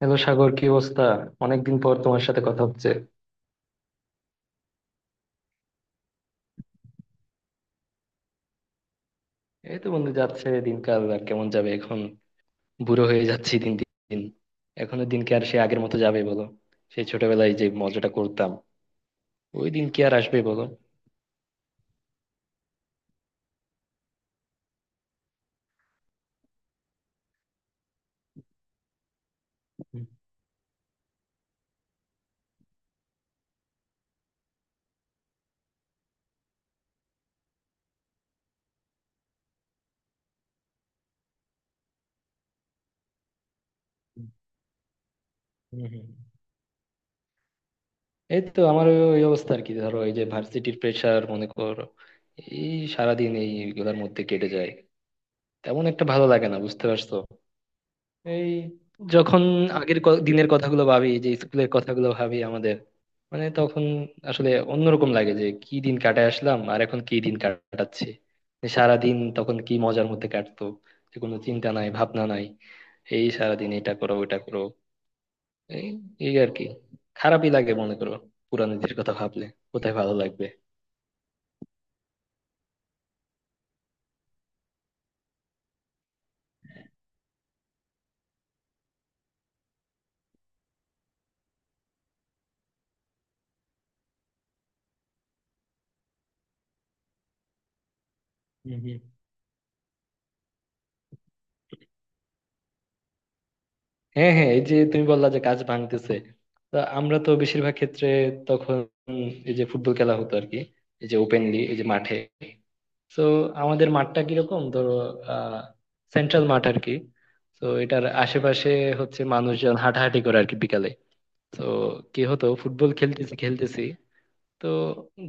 Hello Sagar, কি অবস্থা? অনেকদিন পর তোমার সাথে কথা হচ্ছে। এই তো বন্ধু, যাচ্ছে। দিনকাল আর কেমন যাবে এখন, বুড়ো হয়ে যাচ্ছি দিন দিন। এখনো দিন কি আর সে আগের মতো যাবে বলো? সেই ছোটবেলায় যে মজাটা করতাম, ওই দিন কি আর আসবে বলো? হুম, হুম, হুম। এই তো আমারও ওই অবস্থা আর কি, ধরো এই যে ভার্সিটির প্রেশার মনে করো, এই সারাদিন এইগুলোর মধ্যে কেটে যায়। তেমন একটা ভালো লাগে না বুঝতে পারছো? এই যখন আগের দিনের কথাগুলো ভাবি, যে স্কুলের কথাগুলো ভাবি আমাদের, মানে তখন আসলে অন্যরকম লাগে, যে কি দিন কাটায় আসলাম আর এখন কি দিন কাটাচ্ছি। সারা দিন তখন কি মজার মধ্যে কাটতো, যে কোনো চিন্তা নাই ভাবনা নাই, এই সারা দিন এটা করো ওটা করো, এই এই আর কি। খারাপই লাগে মনে করো পুরানো দিনের কথা ভাবলে, কোথায় ভালো লাগবে। হ্যাঁ হ্যাঁ, এই যে তুমি বললা যে কাজ ভাঙতেছে, তো আমরা তো বেশিরভাগ ক্ষেত্রে তখন এই যে ফুটবল খেলা হতো আর কি, এই যে ওপেনলি এই যে মাঠে। তো আমাদের মাঠটা কিরকম ধরো, আহ সেন্ট্রাল মাঠ আর কি। তো এটার আশেপাশে হচ্ছে মানুষজন হাঁটাহাঁটি করে আর কি বিকালে। তো কি হতো, ফুটবল খেলতেছি খেলতেছি, তো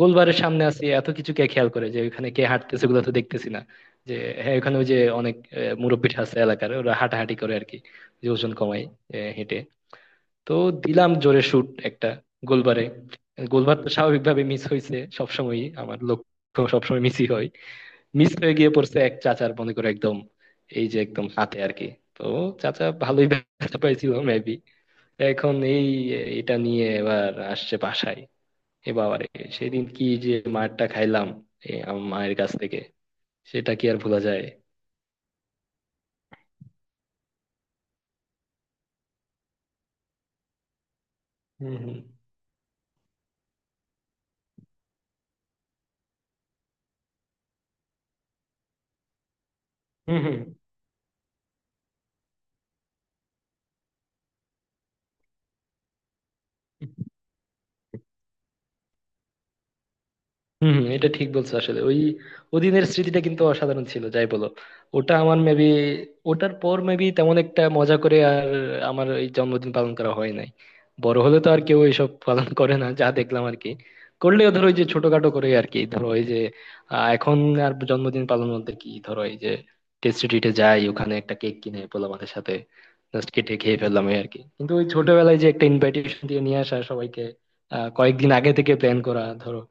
গোলবারের সামনে আছি, এত কিছু কে খেয়াল করে যে ওখানে কে হাঁটতেছে, ওগুলো তো দেখতেছি না যে। হ্যাঁ, ওখানে ওই যে অনেক মুরব্বি আছে এলাকার, ওরা হাঁটাহাঁটি করে আর কি, যে ওজন কমায় হেঁটে। তো দিলাম জোরে শুট একটা গোলবারে। গোলবার তো স্বাভাবিকভাবে মিস হয়েছে, সবসময়ই আমার লক্ষ্য সবসময় মিসই হয়। মিস হয়ে গিয়ে পড়ছে এক চাচার মনে করে একদম, এই যে একদম হাতে আর কি। তো চাচা ভালোই ব্যথা পাইছিল মেবি। এখন এই এটা নিয়ে এবার আসছে বাসায়। এ বাবা রে, সেদিন কি যে মারটা খাইলাম মায়ের কাছ থেকে, সেটা কি আর ভোলা যায়। হুম হুম। হুম হুম। হম হম, এটা ঠিক বলছো আসলে। ওই ওদিনের স্মৃতিটা কিন্তু অসাধারণ ছিল যাই বলো। ওটা আমার মেবি, ওটার পর মেবি তেমন একটা মজা করে আর আমার এই জন্মদিন পালন করা হয় নাই। বড় হলে তো আর কেউ এইসব পালন করে না, যা দেখলাম আর কি। করলেও ধরো ওই যে ছোটখাটো করে আর কি, ধরো এই যে এখন আর জন্মদিন পালন বলতে কি, ধরো এই যে টেস্টি ট্রিটে যাই, ওখানে একটা কেক কিনে পোলাপানের সাথে জাস্ট কেটে খেয়ে ফেললাম, এই আর কি। কিন্তু ওই ছোটবেলায় যে একটা ইনভাইটেশন দিয়ে নিয়ে আসা সবাইকে, কয়েকদিন আগে থেকে প্ল্যান করা ধরো,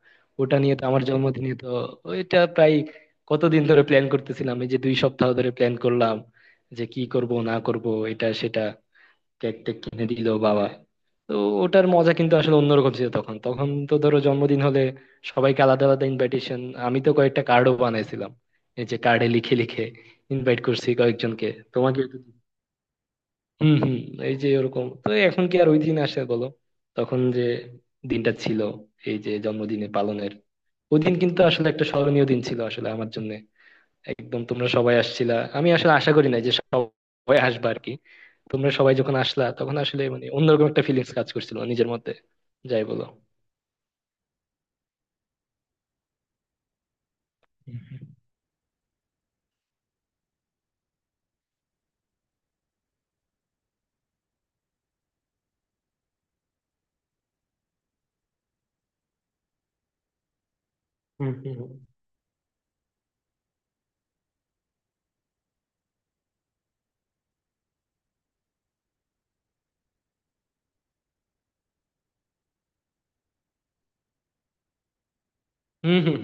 ওটা নিয়ে তো আমার জন্মদিনে তো ওইটা প্রায় কতদিন ধরে প্ল্যান করতেছিলাম, এই যে 2 সপ্তাহ ধরে প্ল্যান করলাম, যে কি করব না করব, এটা সেটা কেক টেক কিনে দিল বাবা। তো ওটার মজা কিন্তু আসলে অন্যরকম ছিল। তখন তখন তো ধরো জন্মদিন হলে সবাইকে আলাদা আলাদা ইনভাইটেশন, আমি তো কয়েকটা কার্ডও বানাইছিলাম, এই যে কার্ডে লিখে লিখে ইনভাইট করছি কয়েকজনকে। তোমাকে হম হম। এই যে ওরকম তো এখন কি আর ওই দিন আসে বলো? তখন যে দিনটা ছিল, এই যে জন্মদিনে পালনের, ওই দিন কিন্তু আসলে একটা স্মরণীয় দিন ছিল আসলে আমার জন্য। একদম তোমরা সবাই আসছিলা, আমি আসলে আশা করি না যে সবাই আসবে আর কি। তোমরা সবাই যখন আসলা তখন আসলে মানে অন্যরকম একটা ফিলিংস কাজ করছিল নিজের মধ্যে, যাই বলো। হুম হুম হুম। হম হম।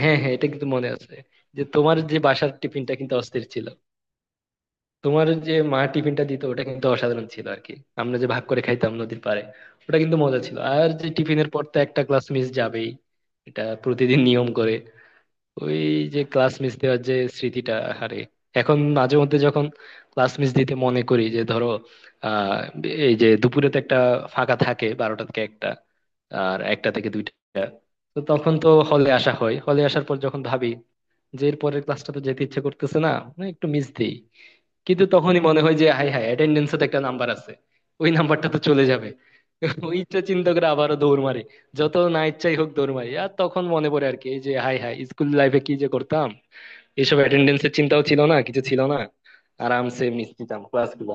হ্যাঁ হ্যাঁ এটা কিন্তু মনে আছে যে তোমার যে বাসার টিফিনটা কিন্তু অস্থির ছিল, তোমার যে মা টিফিনটা দিত ওটা কিন্তু অসাধারণ ছিল আর কি। আমরা যে ভাগ করে খাইতাম নদীর পাড়ে, ওটা কিন্তু মজা ছিল। আর যে টিফিনের পর তো একটা ক্লাস মিস যাবেই, এটা প্রতিদিন নিয়ম করে। ওই যে ক্লাস মিস দেওয়ার যে স্মৃতিটা, আরে এখন মাঝে মধ্যে যখন ক্লাস মিস দিতে মনে করি, যে ধরো আহ এই যে দুপুরে তো একটা ফাঁকা থাকে বারোটা থেকে একটা, আর একটা থেকে দুইটা। তো তখন তো হলে আসা হয়, হলে আসার পর যখন ভাবি যে এর পরের ক্লাসটা তো যেতে ইচ্ছে করতেছে না, না, একটু মিস দিই, কিন্তু তখনই মনে হয় যে হাই হাই অ্যাটেন্ডেন্সে তো একটা নাম্বার আছে, ওই নাম্বারটা তো চলে যাবে। ওইটা চিন্তা করে আবারও দৌড় মারি, যত না ইচ্ছাই হোক দৌড় মারি। আর তখন মনে পড়ে আর কি, এই যে হাই হাই স্কুল লাইফে কি যে করতাম, এইসব অ্যাটেন্ডেন্সের চিন্তাও ছিল না, কিছু ছিল না, আরামসে এমনি দিতাম ক্লাসগুলো।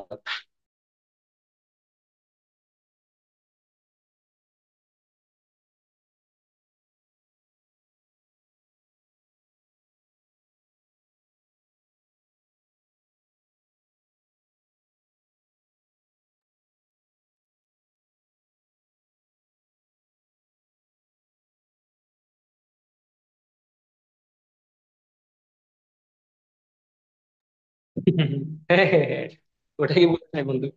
হ্যাঁ, হ্যাঁ, হ্যাঁ। ওটাই বলছিলাম বন্ধু,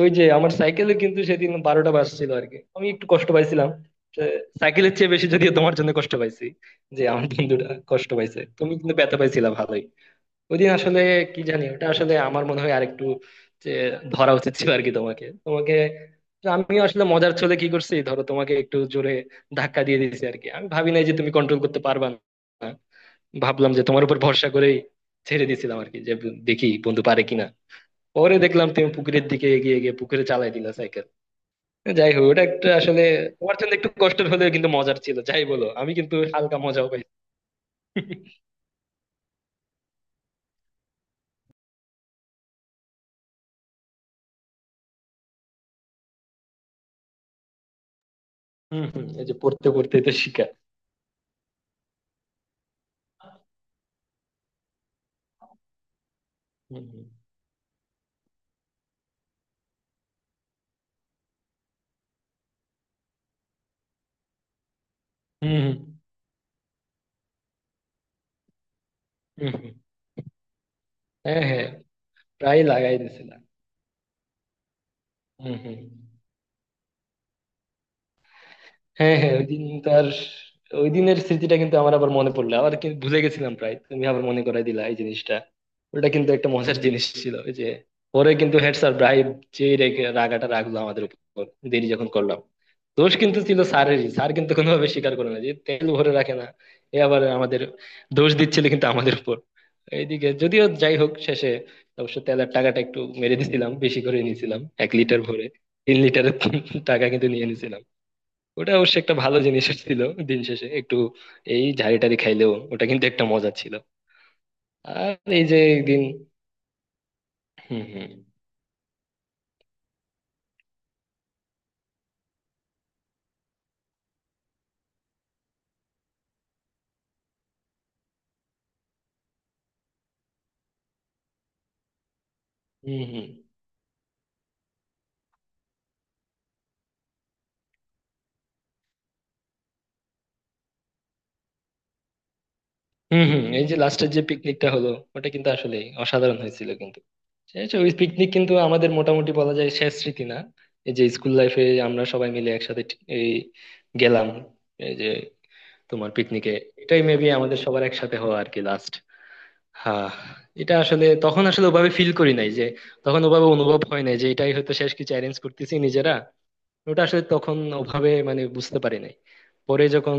ওই যে আমার সাইকেলে কিন্তু সেদিন বারোটা বাজছিল আর কি, আমি একটু কষ্ট পাইছিলাম। তো সাইকেলের চেয়ে বেশি যদিও তোমার জন্য কষ্ট পাইছি, যে আমার বন্ধুটা কষ্ট পাইছে, তুমি কিন্তু ব্যথা পাইছিলা ভালোই। ওই দিন আসলে কি জানি, ওটা আসলে আমার মনে হয় আরেকটু যে ধরা উচিত ছিল আর কি তোমাকে তোমাকে। তো আমি আসলে মজার ছলে কি করছি ধরো, তোমাকে একটু জোরে ধাক্কা দিয়ে দিয়েছি আর কি, আমি ভাবি নাই যে তুমি কন্ট্রোল করতে পারবা না। ভাবলাম যে তোমার উপর ভরসা করেই ছেড়ে দিয়েছিলাম আর কি, যে দেখি বন্ধু পারে কিনা। পরে দেখলাম তুমি পুকুরের দিকে এগিয়ে গিয়ে পুকুরে চালাই দিলা সাইকেল। যাই হোক, ওটা একটা আসলে তোমার জন্য একটু কষ্টের হলেও কিন্তু মজার ছিল, যাই বলো, আমি কিন্তু হালকা মজাও পাই। হম হম, এই যে পড়তে পড়তে তো শিখা। হম হম। হম হম। হুম হুম। হ্যাঁ হ্যাঁ, প্রায় লাগাই দিছিলাম। হুম হুম। হ্যাঁ হ্যাঁ, ওই দিন তার ওই দিনের স্মৃতিটা কিন্তু আমার আবার মনে পড়লো, আবার কিন্তু ভুলে গেছিলাম প্রায়, তুমি আবার মনে করাই দিলা এই জিনিসটা। ওটা কিন্তু একটা মজার জিনিস ছিল। ওই যে পরে কিন্তু হেড স্যার ব্রাইব, যে রেগে রাগাটা রাখলো আমাদের উপর, দেরি যখন করলাম। দোষ কিন্তু ছিল স্যারেরই, স্যার কিন্তু কোনোভাবে স্বীকার করে না যে তেল ভরে রাখে না। এ আবার আমাদের দোষ দিচ্ছিল কিন্তু আমাদের উপর। এইদিকে যদিও, যাই হোক, শেষে অবশ্য তেলের টাকাটা একটু মেরে দিছিলাম, বেশি করে নিয়েছিলাম, 1 লিটার ভরে 3 লিটারের টাকা কিন্তু নিয়ে নিয়েছিলাম। ওটা অবশ্য একটা ভালো জিনিস ছিল দিন শেষে একটু, এই ঝাড়ি টাড়ি খাইলেও ওটা কিন্তু একটা মজা ছিল। আর এই যে একদিন, হুম হুম। হুম হুম। হুম হুম। এই যে লাস্টের যে পিকনিকটা হলো, ওটা কিন্তু আসলে অসাধারণ হয়েছিল কিন্তু। শেষ ওই পিকনিক কিন্তু আমাদের মোটামুটি বলা যায় শেষ স্মৃতি না, এই যে স্কুল লাইফে আমরা সবাই মিলে একসাথে এই গেলাম, এই যে তোমার পিকনিকে। এটাই মেবি আমাদের সবার একসাথে হওয়া আর কি লাস্ট। হ্যাঁ, এটা আসলে তখন আসলে ওভাবে ফিল করি নাই যে, তখন ওভাবে অনুভব হয় নাই যে এটাই হয়তো শেষ কিছু অ্যারেঞ্জ করতেছি নিজেরা। ওটা আসলে তখন ওভাবে মানে বুঝতে পারি নাই। পরে যখন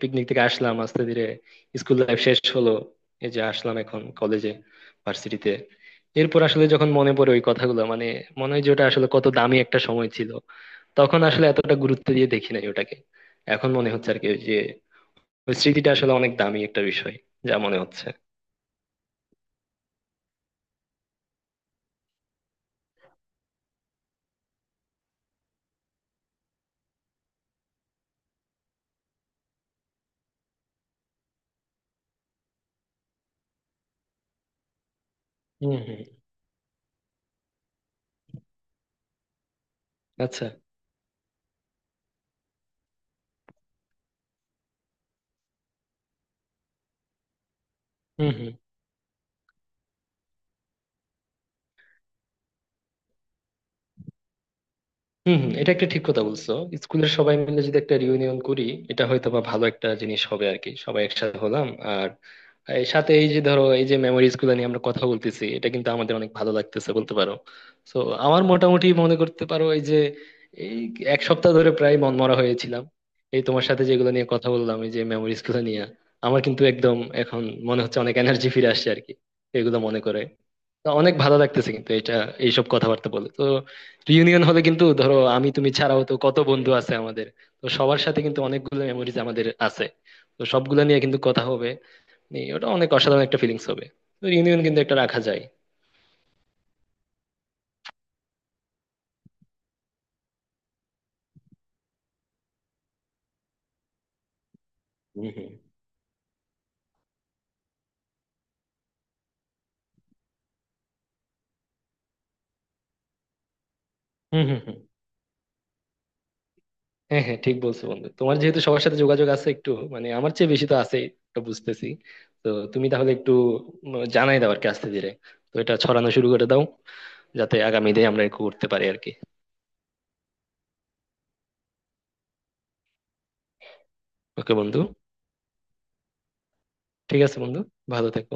পিকনিক থেকে আসলাম, আস্তে ধীরে স্কুল লাইফ শেষ হলো, এই যে আসলাম এখন কলেজে, ভার্সিটিতে, এরপর আসলে যখন মনে পড়ে ওই কথাগুলো, মানে মনে হয় যে ওটা আসলে কত দামি একটা সময় ছিল। তখন আসলে এতটা গুরুত্ব দিয়ে দেখি নাই ওটাকে, এখন মনে হচ্ছে আর কি যে ওই স্মৃতিটা আসলে অনেক দামি একটা বিষয়, যা মনে হচ্ছে। হম হম। আচ্ছা। হুম হুম। হুম হুম, এটা একটা ঠিক কথা বলছো। স্কুলের সবাই মিলে যদি একটা রিউনিয়ন করি, এটা হয়তো বা ভালো একটা জিনিস হবে আর কি, সবাই একসাথে হলাম। আর এর সাথে এই যে ধরো এই যে মেমোরিজ গুলো নিয়ে আমরা কথা বলতেছি, এটা কিন্তু আমাদের অনেক ভালো লাগতেছে, বলতে পারো। তো আমার মোটামুটি মনে করতে পারো, এই যে এই 1 সপ্তাহ ধরে প্রায় মনমরা হয়েছিলাম। এই তোমার সাথে যেগুলো নিয়ে কথা বললাম, এই যে মেমোরিজ গুলো নিয়ে, আমার কিন্তু একদম এখন মনে হচ্ছে অনেক এনার্জি ফিরে আসছে আর কি, এগুলো মনে করে। তো অনেক ভালো লাগতেছে কিন্তু এটা, এইসব কথাবার্তা বলে। তো রিউনিয়ন হলে কিন্তু ধরো আমি তুমি ছাড়াও তো কত বন্ধু আছে আমাদের। তো সবার সাথে কিন্তু অনেকগুলো মেমোরিজ আমাদের আছে, তো সবগুলো নিয়ে কিন্তু কথা হবে। এই ওটা অনেক অসাধারণ একটা ফিলিংস হবে। তো রিউনিয়ন কিন্তু একটা রাখা যায়। হুম হুম। হুম হুম হুম। হ্যাঁ হ্যাঁ, ঠিক বলছো বন্ধু। তোমার যেহেতু সবার সাথে যোগাযোগ আছে একটু, মানে আমার চেয়ে বেশি তো আছে, এটা বুঝতেছি। তো তুমি তাহলে একটু জানাই দাও আর কি আস্তে ধীরে। তো এটা ছড়ানো শুরু করে দাও, যাতে আগামী দিনে আমরা একটু করতে পারি আর কি। ওকে বন্ধু। ঠিক আছে বন্ধু, ভালো থেকো।